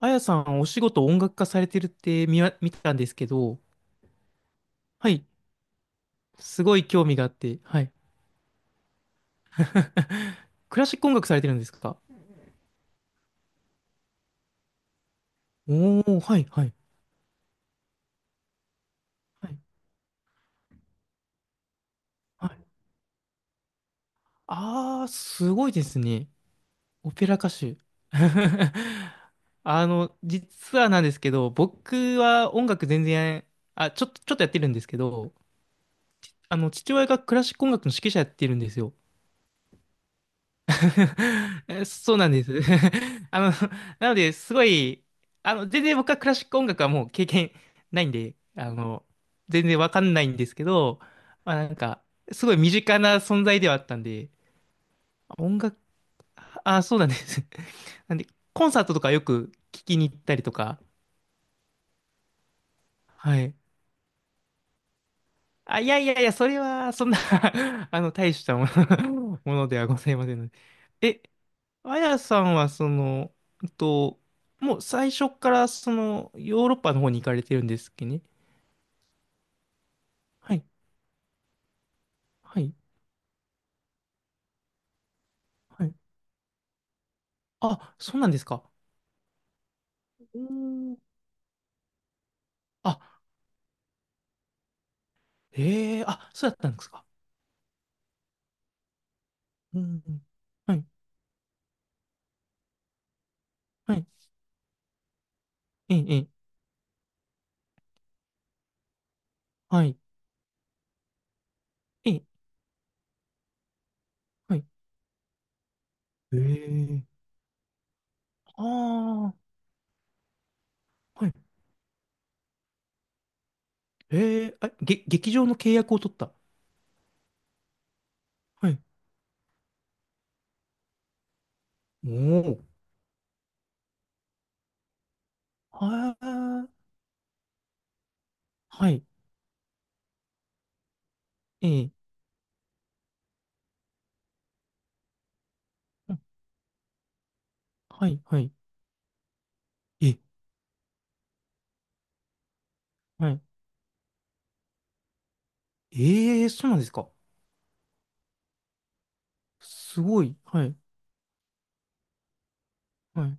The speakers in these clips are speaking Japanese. あやさん、お仕事音楽家されてるって見たんですけど、はい。すごい興味があって、はい。クラシック音楽されてるんですか？おー、はい、はい、はい、はい。あー、すごいですね。オペラ歌手。実はなんですけど、僕は音楽全然、あ、ちょっとやってるんですけど、父親がクラシック音楽の指揮者やってるんですよ。そうなんです。あの、なので、すごい、全然僕はクラシック音楽はもう経験ないんで、全然わかんないんですけど、まあなんか、すごい身近な存在ではあったんで、音楽、あ、そうなんです。なんで、コンサートとかよく聞きに行ったりとか、はい。あ、いやいやいや、それは、そんな 大したもの ものではございませんので。えあやさんはうんと、もう最初からそのヨーロッパの方に行かれてるんですっけね？はい、はい、はい。あ、そうなんですか。うーん。あ、ええあ、そうだったんですか。うん。うんはい、はい、ええ、ええはい、ええ、はい。ええああー、はい。ええあ、劇場の契約を取った？はい。おお。はあ、はい、ええうんはい、はい、ええ、はい。ええそうなんですか。すごい。はい。はい。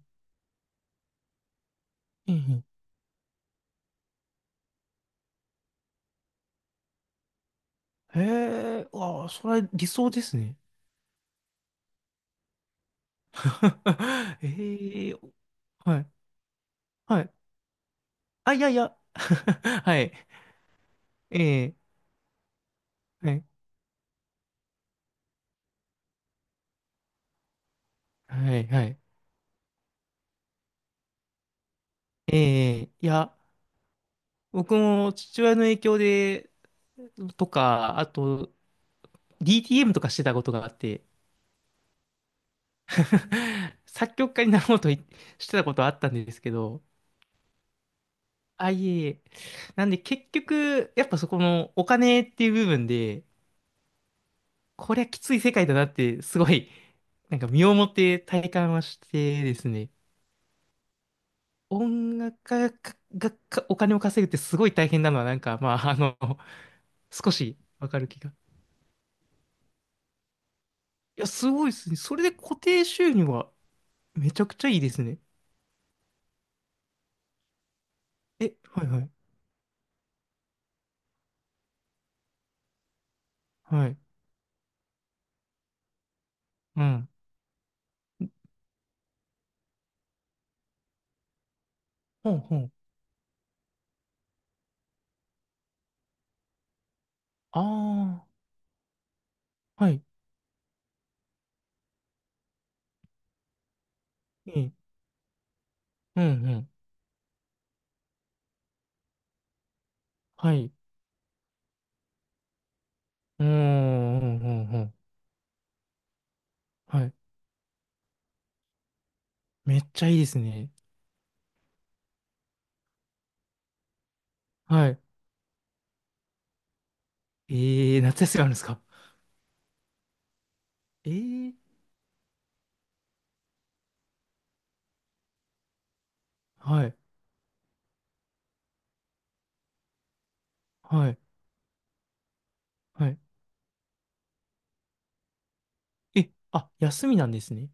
ええ。へえ、ああ、それは理想ですね。ええ、はい。はい。あ、いやいや。はい。ええ、はい。はい。はい。ええ、いや、僕も父親の影響で、とか、あと、DTM とかしてたことがあって、作曲家になろうといしてたことがあったんですけど、あ、いえいえ。なんで結局、やっぱそこのお金っていう部分で、こりゃきつい世界だなって、すごい、なんか身をもって体感はしてですね、音楽家がお金を稼ぐってすごい大変なのは、なんか、まあ、少しわかる気が。いや、すごいですね。それで固定収入はめちゃくちゃいいですね。え、はいはい。はい。うん。ほんほん。ああ、はい。いい。うんうん。はい。うーん、うんうんうん。はい。めっちゃいいですね。はい。えー、夏休みあるんですか？えー、はい。はい。はい。あ、休みなんですね。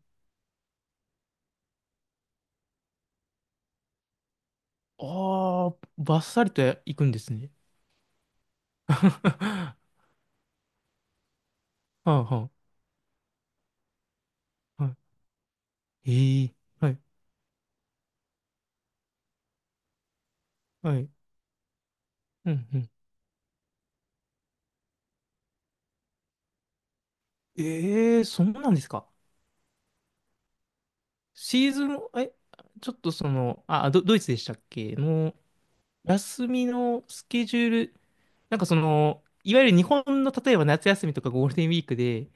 ああ、バッサリと行くんですね。はあはあ、はい。ええはい、はい。うん、うん。ええそうなんですか。シーズン、ちょっとあ、ドイツでしたっけの、休みのスケジュール、なんかいわゆる日本の例えば夏休みとかゴールデンウィークで、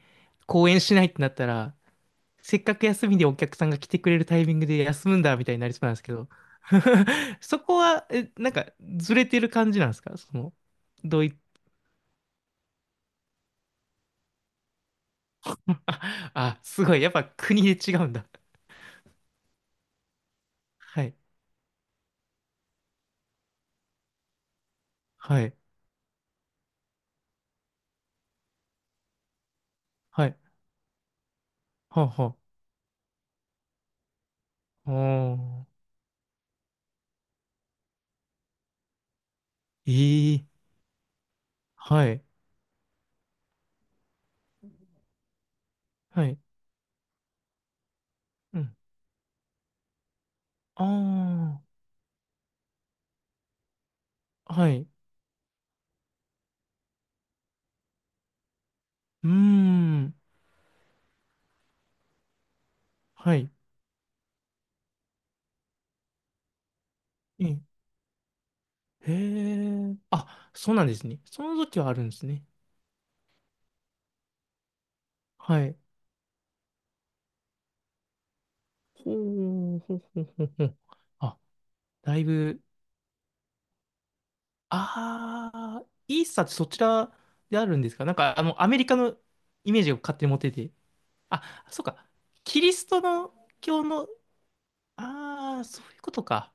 公演しないってなったら、せっかく休みでお客さんが来てくれるタイミングで休むんだみたいになりそうなんですけど、そこは、なんかずれてる感じなんですか？どうい、あ、あ、すごい、やっぱ国で違うんだ。はい、はい、はい、はあ、はあ、おー、ええはい、はい、うん、ああ、はい、うーん、はい、ええ、へえ、あ、そうなんですね。その時はあるんですね。はい。ほう、ほうほうほうほう。あ、だいぶああ、イーサってそちらであるんですか？なんか、アメリカのイメージを勝手に持ってて。あ、そうか。キリストの教の、ああ、そういうことか。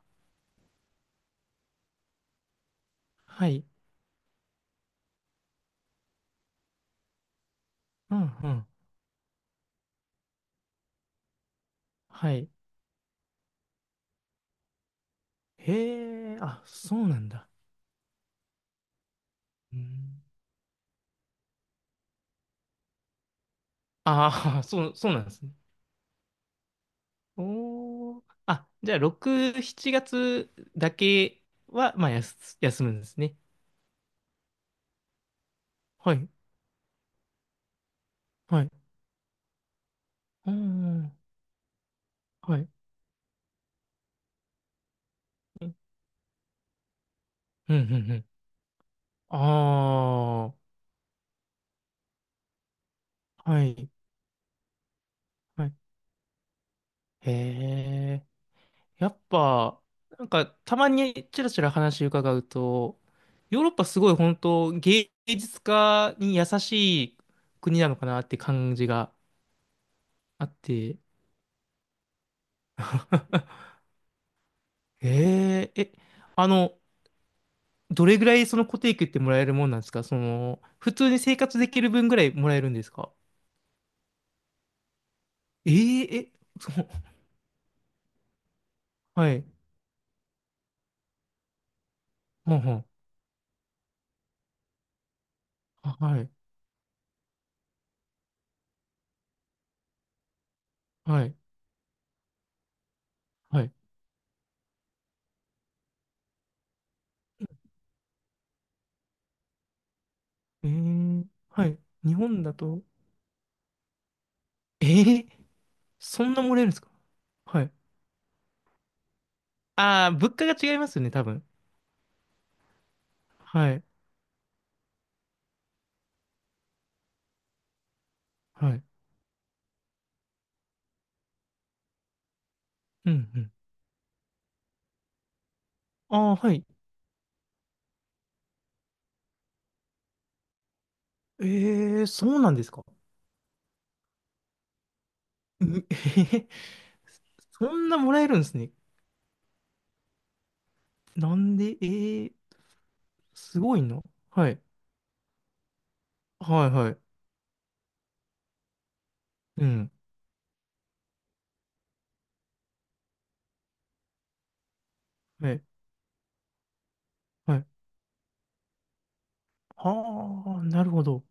はい。うんうん。はい。へえ、あ、そうなんだ。うん、ああ、そう、そうなんですね。おー。あ、じゃあ、6、7月だけは、まあ、休むんですね。はい。はい。うんうん。はい。うんうんうん。ああ。はい。はい。へえ。やっぱ、なんか、たまにちらちら話伺うと、ヨーロッパすごい本当芸術家に優しい国なのかなって感じがあって、ええ、あの、どれぐらいその固定給ってもらえるもんなんですか？普通に生活できる分ぐらいもらえるんですか？ええ、そう、はい、はんはん、あはい、はい、はい、ええ、はい、日本だと、ええそんなもらえるんですか？はい。ああ、物価が違いますよね、多分。はい。はい。うん、うん。ああ、はい。ええ、そうなんですか。うんえへへそんなもらえるんですね。なんで、ええ、すごいな。はい。はい、はい。うん。はい。はい。ああ、なるほど。